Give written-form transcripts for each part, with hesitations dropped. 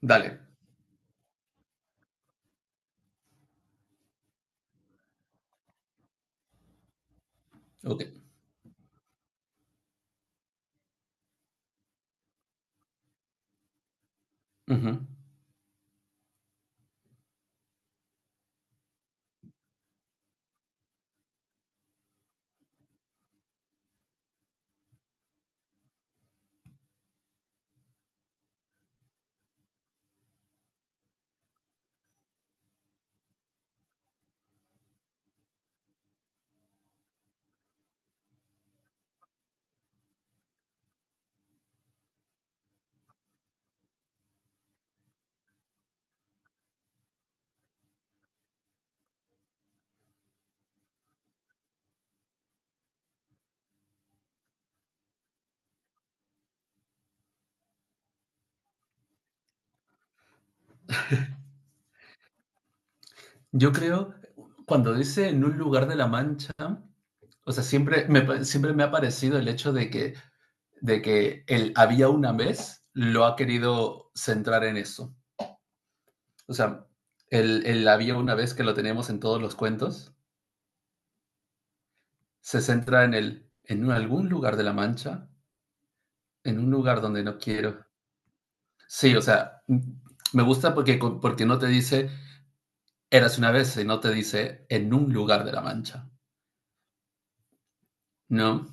Dale, ok. Ujú. Yo creo, cuando dice en un lugar de la Mancha, o sea, siempre me, siempre me ha parecido el hecho de que el había una vez lo ha querido centrar en eso. O sea, el había una vez que lo tenemos en todos los cuentos, se centra en el, en algún lugar de la Mancha, en un lugar donde no quiero. Sí, o sea, me gusta porque, porque no te dice eras una vez, sino te dice en un lugar de la Mancha, ¿no?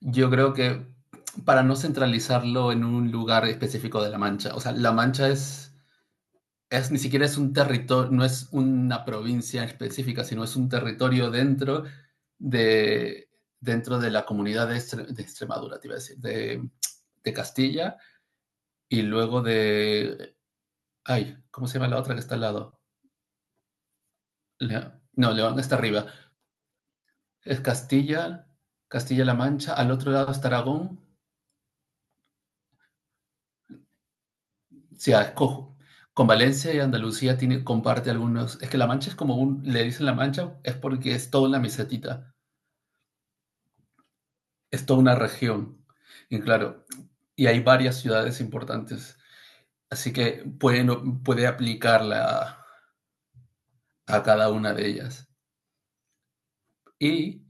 Yo creo que para no centralizarlo en un lugar específico de La Mancha, o sea, La Mancha es ni siquiera es un territorio, no es una provincia específica, sino es un territorio de, dentro de la comunidad de, de Extremadura, te iba a decir, de Castilla y luego de, ay, ¿cómo se llama la otra que está al lado? Le- no, León está arriba. Es Castilla, Castilla-La Mancha, al otro lado está Aragón. Sí, ah, es cojo. Con Valencia y Andalucía tiene, comparte algunos. Es que La Mancha es como un, le dicen La Mancha, es porque es toda una mesetita, es toda una región. Y claro, y hay varias ciudades importantes. Así que puede, puede aplicarla a cada una de ellas. Y,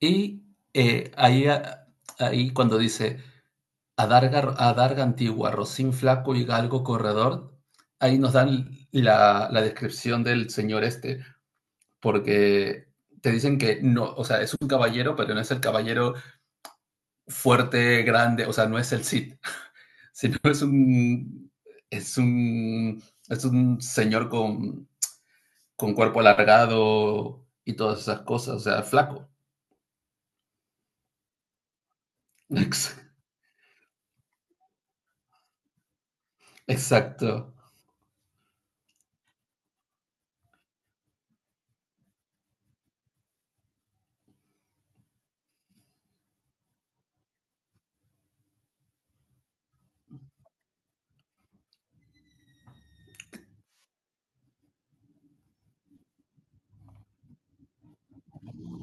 y ahí, ahí cuando dice Adarga, Adarga Antigua, Rocín Flaco y Galgo Corredor, ahí nos dan la, la descripción del señor este porque te dicen que no, o sea, es un caballero, pero no es el caballero fuerte, grande, o sea, no es el Cid, sino es un, es un, es un señor con cuerpo alargado y todas esas cosas, o sea, flaco. Exacto.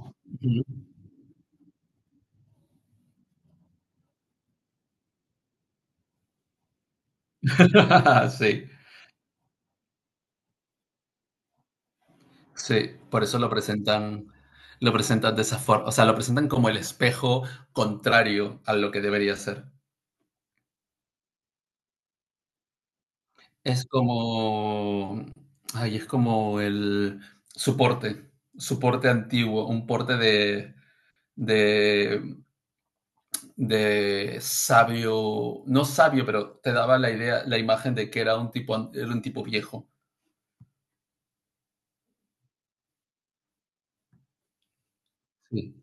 Sí, sí, por eso lo presentan de esa forma, o sea, lo presentan como el espejo contrario a lo que debería ser. Es como, ay, es como el soporte, soporte antiguo, un porte de, de sabio, no sabio, pero te daba la idea, la imagen de que era un tipo, era un tipo viejo. Sí.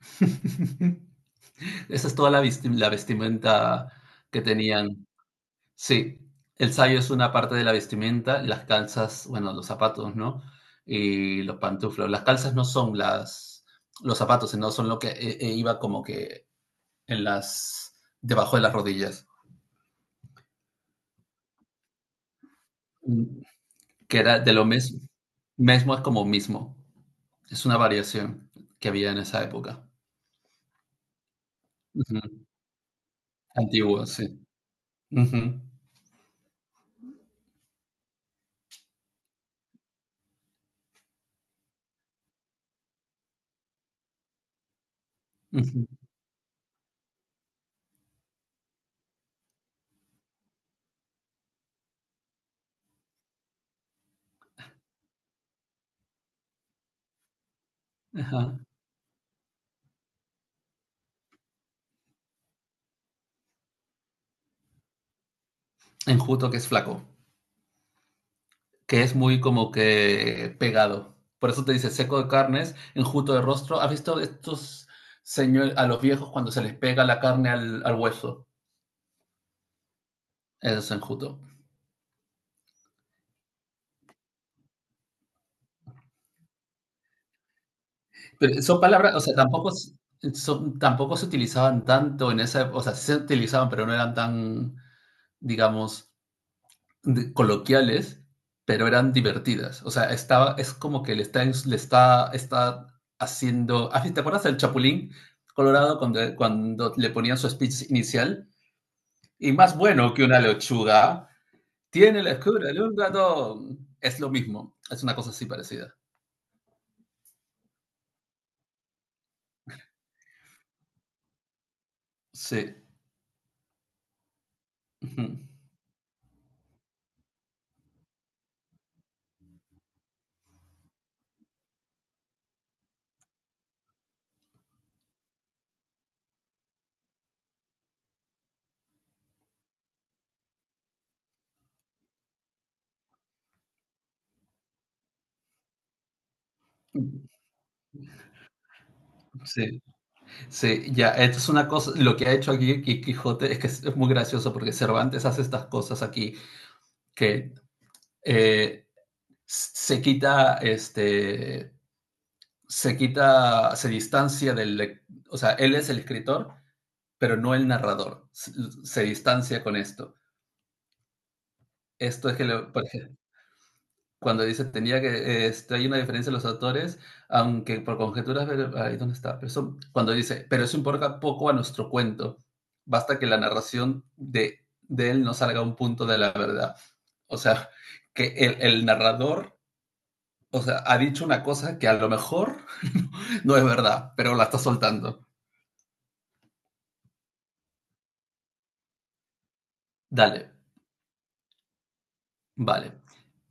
Esa es toda la, la vestimenta que tenían. Sí, el sayo es una parte de la vestimenta, las calzas, bueno, los zapatos, ¿no? Y los pantuflos. Las calzas no son las, los zapatos, sino son lo que iba como que en las, debajo de las rodillas. Mm, que era de lo mismo. Mesmo es como mismo, es una variación que había en esa época. Ujú. Antiguo, sí. Ujú, ujú, ajá. Enjuto, que es flaco, que es muy como que pegado. Por eso te dice seco de carnes, enjuto de rostro. ¿Has visto estos señores, a los viejos cuando se les pega la carne al, al hueso? Eso es enjuto. Pero son palabras, o sea, tampoco, son, tampoco se utilizaban tanto en esa, o sea, sí se utilizaban, pero no eran tan, digamos, coloquiales, pero eran divertidas. O sea, estaba, es como que le está, le está, está haciendo. Ah, sí, ¿te acuerdas del Chapulín Colorado cuando, cuando le ponían su speech inicial? Y más bueno que una lechuga, tiene la escura de un ratón. Es lo mismo, es una cosa así parecida. Sí. Ujú. Sí, sí, ya, esto es una cosa, lo que ha hecho aquí Quijote es que es muy gracioso porque Cervantes hace estas cosas aquí que eh, se quita, este, se quita, se distancia del, o sea, él es el escritor, pero no el narrador. Se distancia con esto. Esto es que, por ejemplo, cuando dice tenía que, este, hay una diferencia en los autores, aunque por conjeturas, ahí dónde está, pero cuando dice, pero eso importa poco a nuestro cuento. Basta que la narración de él no salga a un punto de la verdad. O sea, que el narrador. O sea, ha dicho una cosa que a lo mejor no es verdad, pero la está soltando. Dale, vale.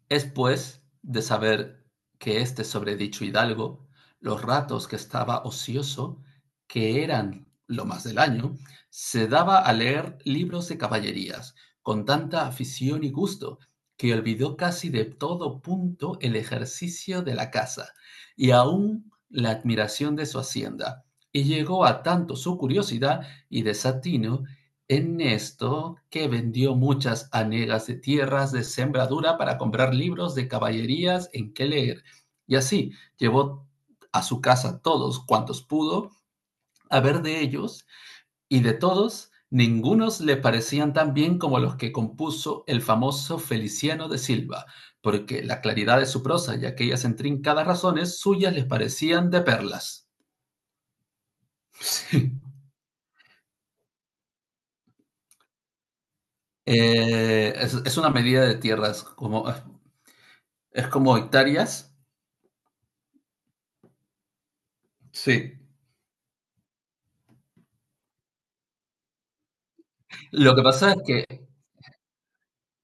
Es pues de saber que este sobredicho hidalgo, los ratos que estaba ocioso, que eran lo más del año, se daba a leer libros de caballerías, con tanta afición y gusto, que olvidó casi de todo punto el ejercicio de la casa y aún la admiración de su hacienda, y llegó a tanto su curiosidad y desatino en esto, que vendió muchas hanegas de tierras de sembradura para comprar libros de caballerías en que leer, y así llevó a su casa todos cuantos pudo a ver de ellos, y de todos ningunos le parecían tan bien como los que compuso el famoso Feliciano de Silva, porque la claridad de su prosa y aquellas intrincadas razones suyas les parecían de perlas. Sí. Es una medida de tierras, como, es como hectáreas. Sí. Lo que pasa es que...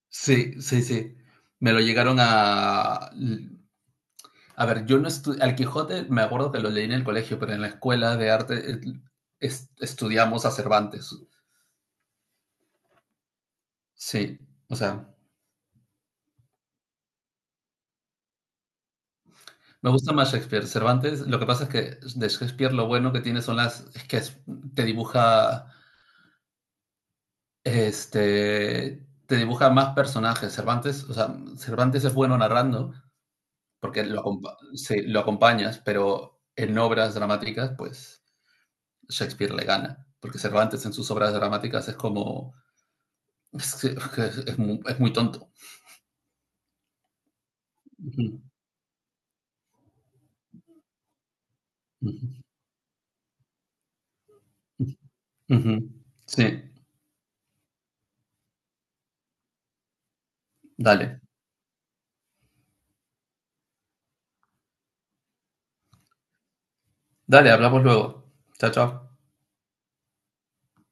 Sí, sí, sí. Me lo llegaron a... A ver, yo no estudié... Al Quijote me acuerdo que lo leí en el colegio, pero en la escuela de arte estudiamos a Cervantes. Sí, o sea, me gusta más Shakespeare. Cervantes, lo que pasa es que de Shakespeare lo bueno que tiene son las... Es que te dibuja, este... Te dibuja más personajes. Cervantes, o sea, Cervantes es bueno narrando, porque lo, sí, lo acompañas, pero en obras dramáticas, pues Shakespeare le gana, porque Cervantes en sus obras dramáticas es como, es, es es muy tonto. Ujú, ujú, ujú. Sí, dale, dale, hablamos luego. Chao, chao.